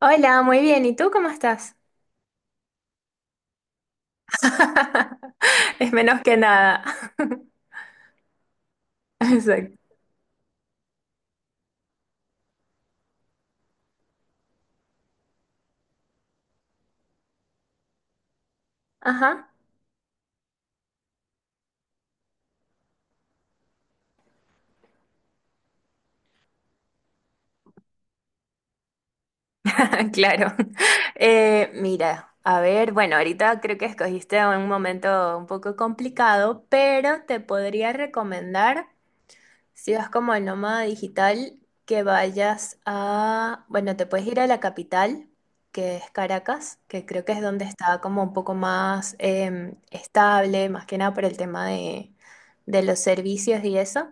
Hola, muy bien. ¿Y tú cómo estás? Es menos que nada. Exacto. Ajá, claro. Mira, a ver, bueno, ahorita creo que escogiste un momento un poco complicado, pero te podría recomendar. Si vas como el nómada digital, que vayas a, bueno, te puedes ir a la capital, que es Caracas, que creo que es donde está como un poco más estable, más que nada por el tema de los servicios y eso.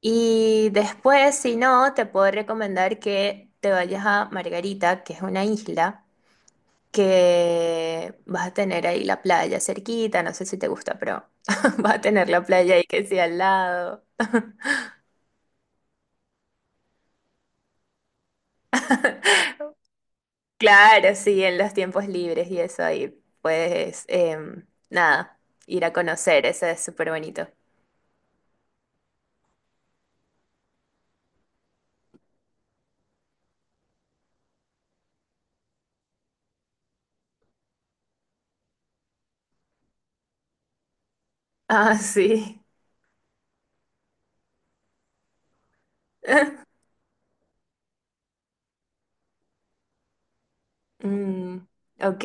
Y después, si no, te puedo recomendar que te vayas a Margarita, que es una isla, que vas a tener ahí la playa cerquita, no sé si te gusta, pero vas a tener la playa ahí que sea al lado. Claro, sí, en los tiempos libres y eso, y puedes, nada, ir a conocer, eso es súper bonito. Ah, sí. Mm, ok,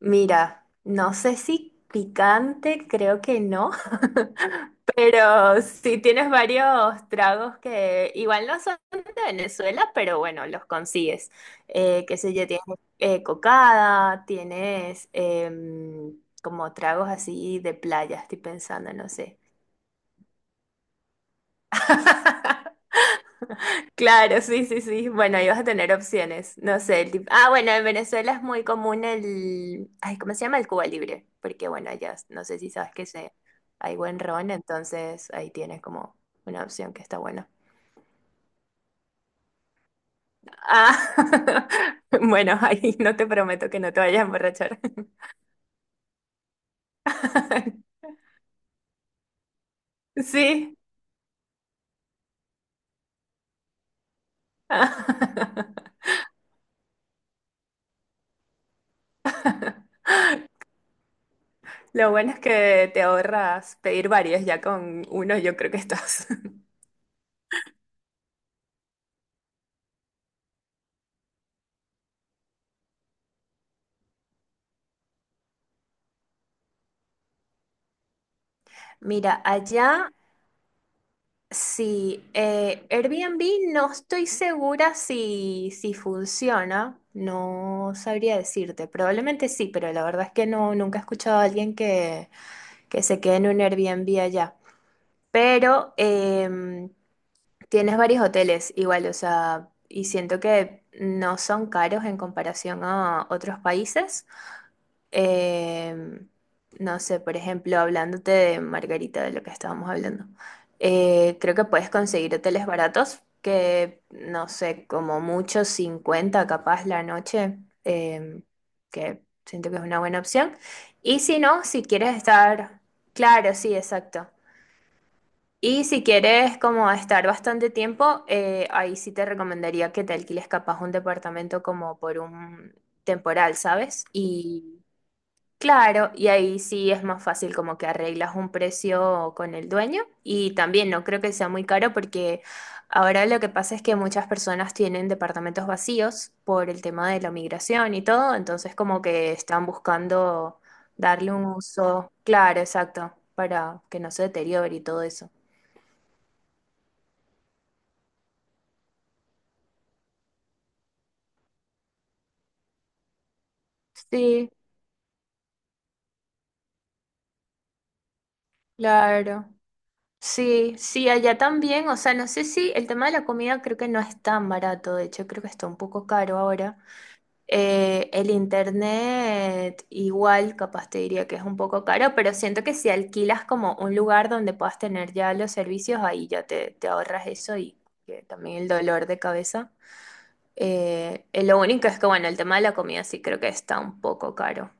mira, no sé si picante, creo que no, pero sí tienes varios tragos que igual no son de Venezuela, pero bueno, los consigues. Qué sé yo, tienes cocada, tienes como tragos así de playa, estoy pensando, no sé. Claro, sí, sí, sí. Bueno, ahí vas a tener opciones. No sé, el tipo. Ah, bueno, en Venezuela es muy común el... Ay, ¿cómo se llama? El Cuba Libre. Porque, bueno, allá no sé si sabes que se... hay buen ron, entonces ahí tienes como una opción que está buena. Ah, bueno, ahí no te prometo que no te vayas a emborrachar. Sí. Lo bueno es que te ahorras pedir varios, ya con uno yo creo que estás. Mira, allá sí, Airbnb no estoy segura si funciona, no sabría decirte, probablemente sí, pero la verdad es que no, nunca he escuchado a alguien que se quede en un Airbnb allá. Pero tienes varios hoteles igual, o sea, y siento que no son caros en comparación a otros países. Em, no sé, por ejemplo, hablándote de Margarita, de lo que estábamos hablando, creo que puedes conseguir hoteles baratos, que no sé, como mucho 50 capaz la noche, em, que siento que es una buena opción. Y si no, si quieres estar, claro, sí, exacto. Y si quieres como estar bastante tiempo, ahí sí te recomendaría que te alquiles capaz un departamento como por un temporal, ¿sabes? Y claro, y ahí sí es más fácil como que arreglas un precio con el dueño y también no creo que sea muy caro porque ahora lo que pasa es que muchas personas tienen departamentos vacíos por el tema de la migración y todo, entonces como que están buscando darle un uso, claro, exacto, para que no se deteriore y todo eso. Sí, claro. Sí, sí, allá también, o sea, no sé si el tema de la comida, creo que no es tan barato, de hecho creo que está un poco caro ahora. El internet igual, capaz te diría que es un poco caro, pero siento que si alquilas como un lugar donde puedas tener ya los servicios, ahí ya te ahorras eso y que también el dolor de cabeza. Lo único es que, bueno, el tema de la comida sí creo que está un poco caro.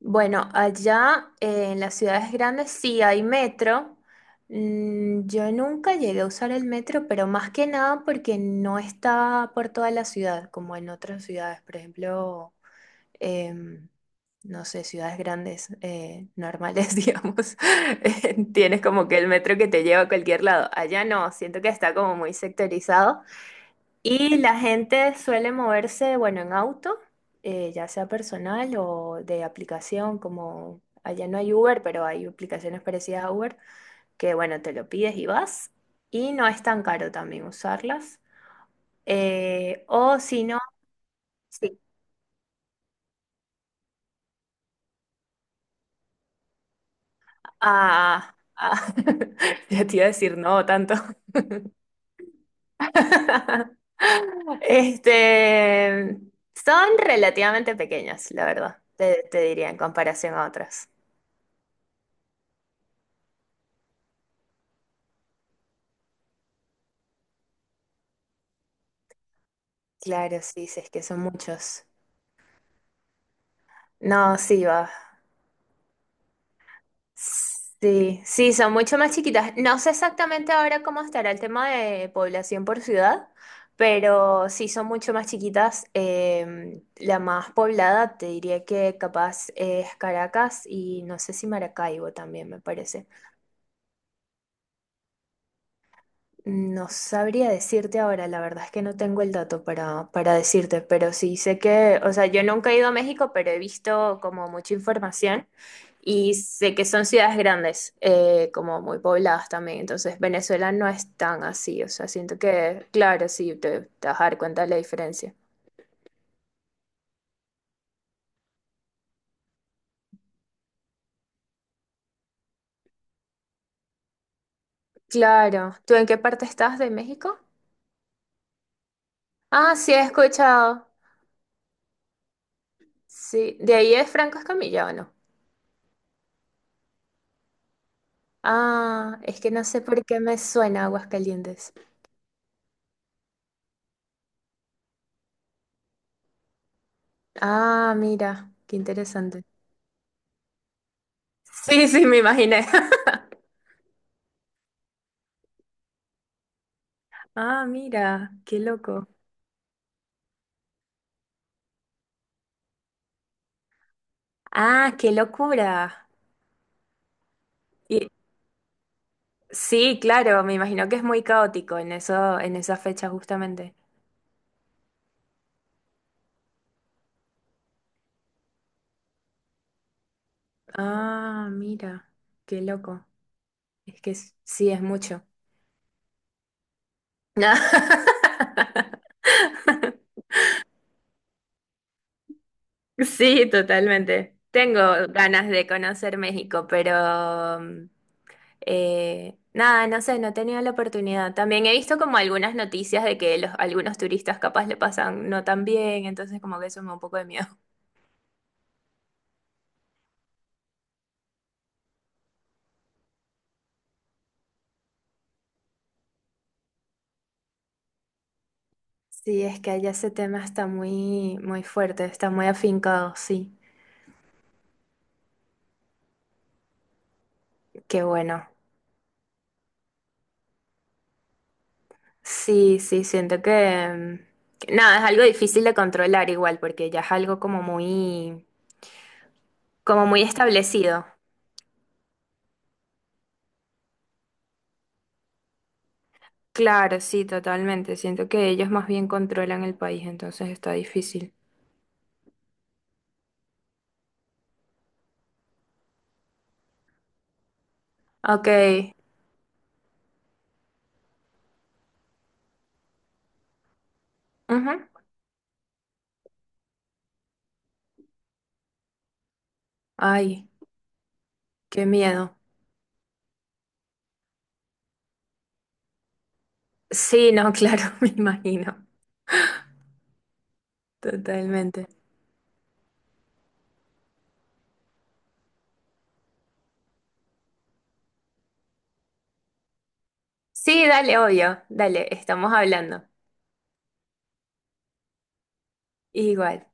Bueno, allá en las ciudades grandes sí hay metro. Mm, yo nunca llegué a usar el metro, pero más que nada porque no está por toda la ciudad, como en otras ciudades, por ejemplo. em, no sé, ciudades grandes, normales, digamos, tienes como que el metro que te lleva a cualquier lado. Allá no, siento que está como muy sectorizado. Y la gente suele moverse, bueno, en auto, ya sea personal o de aplicación, como allá no hay Uber, pero hay aplicaciones parecidas a Uber, que bueno, te lo pides y vas. Y no es tan caro también usarlas. O si no... Sí, ah, ah, ya te iba a decir no tanto. Este, son relativamente pequeños, la verdad, te diría en comparación a otros. Claro, sí, sí, es que son muchos. No, sí, va. Sí, sí, son mucho más chiquitas. No sé exactamente ahora cómo estará el tema de población por ciudad, pero sí son mucho más chiquitas. La más poblada te diría que capaz es Caracas y no sé si Maracaibo también me parece. No sabría decirte ahora, la verdad es que no tengo el dato para decirte, pero sí sé que, o sea, yo nunca he ido a México, pero he visto como mucha información y sé que son ciudades grandes, como muy pobladas también, entonces Venezuela no es tan así, o sea, siento que, claro, sí, te vas a dar cuenta de la diferencia. Claro, ¿tú en qué parte estás de México? Ah, sí, he escuchado. Sí, ¿de ahí es Franco Escamilla o no? Ah, es que no sé por qué me suena Aguascalientes. Ah, mira, qué interesante. Sí, sí, me imaginé. Ah, mira, qué loco. Ah, qué locura. Y, sí, claro, me imagino que es muy caótico en eso, en esa fecha justamente. Ah, mira, qué loco. Es que sí, es mucho. Sí, totalmente. Tengo ganas de conocer México, pero mm, nada, no sé, no he tenido la oportunidad. También he visto como algunas noticias de que los, algunos turistas capaz le pasan no tan bien, entonces como que eso me da un poco de miedo. Sí, es que allá ese tema está muy, muy fuerte, está muy afincado, sí. Qué bueno. Sí, sí, siento que, mm, que nada, es algo difícil de controlar igual, porque ya es algo como muy establecido. Claro, sí, totalmente. Siento que ellos más bien controlan el país, entonces está difícil. Ok. Ujú. Ay, qué miedo. Sí, no, claro, me imagino. Totalmente. Sí, dale, obvio. Dale, estamos hablando. Igual.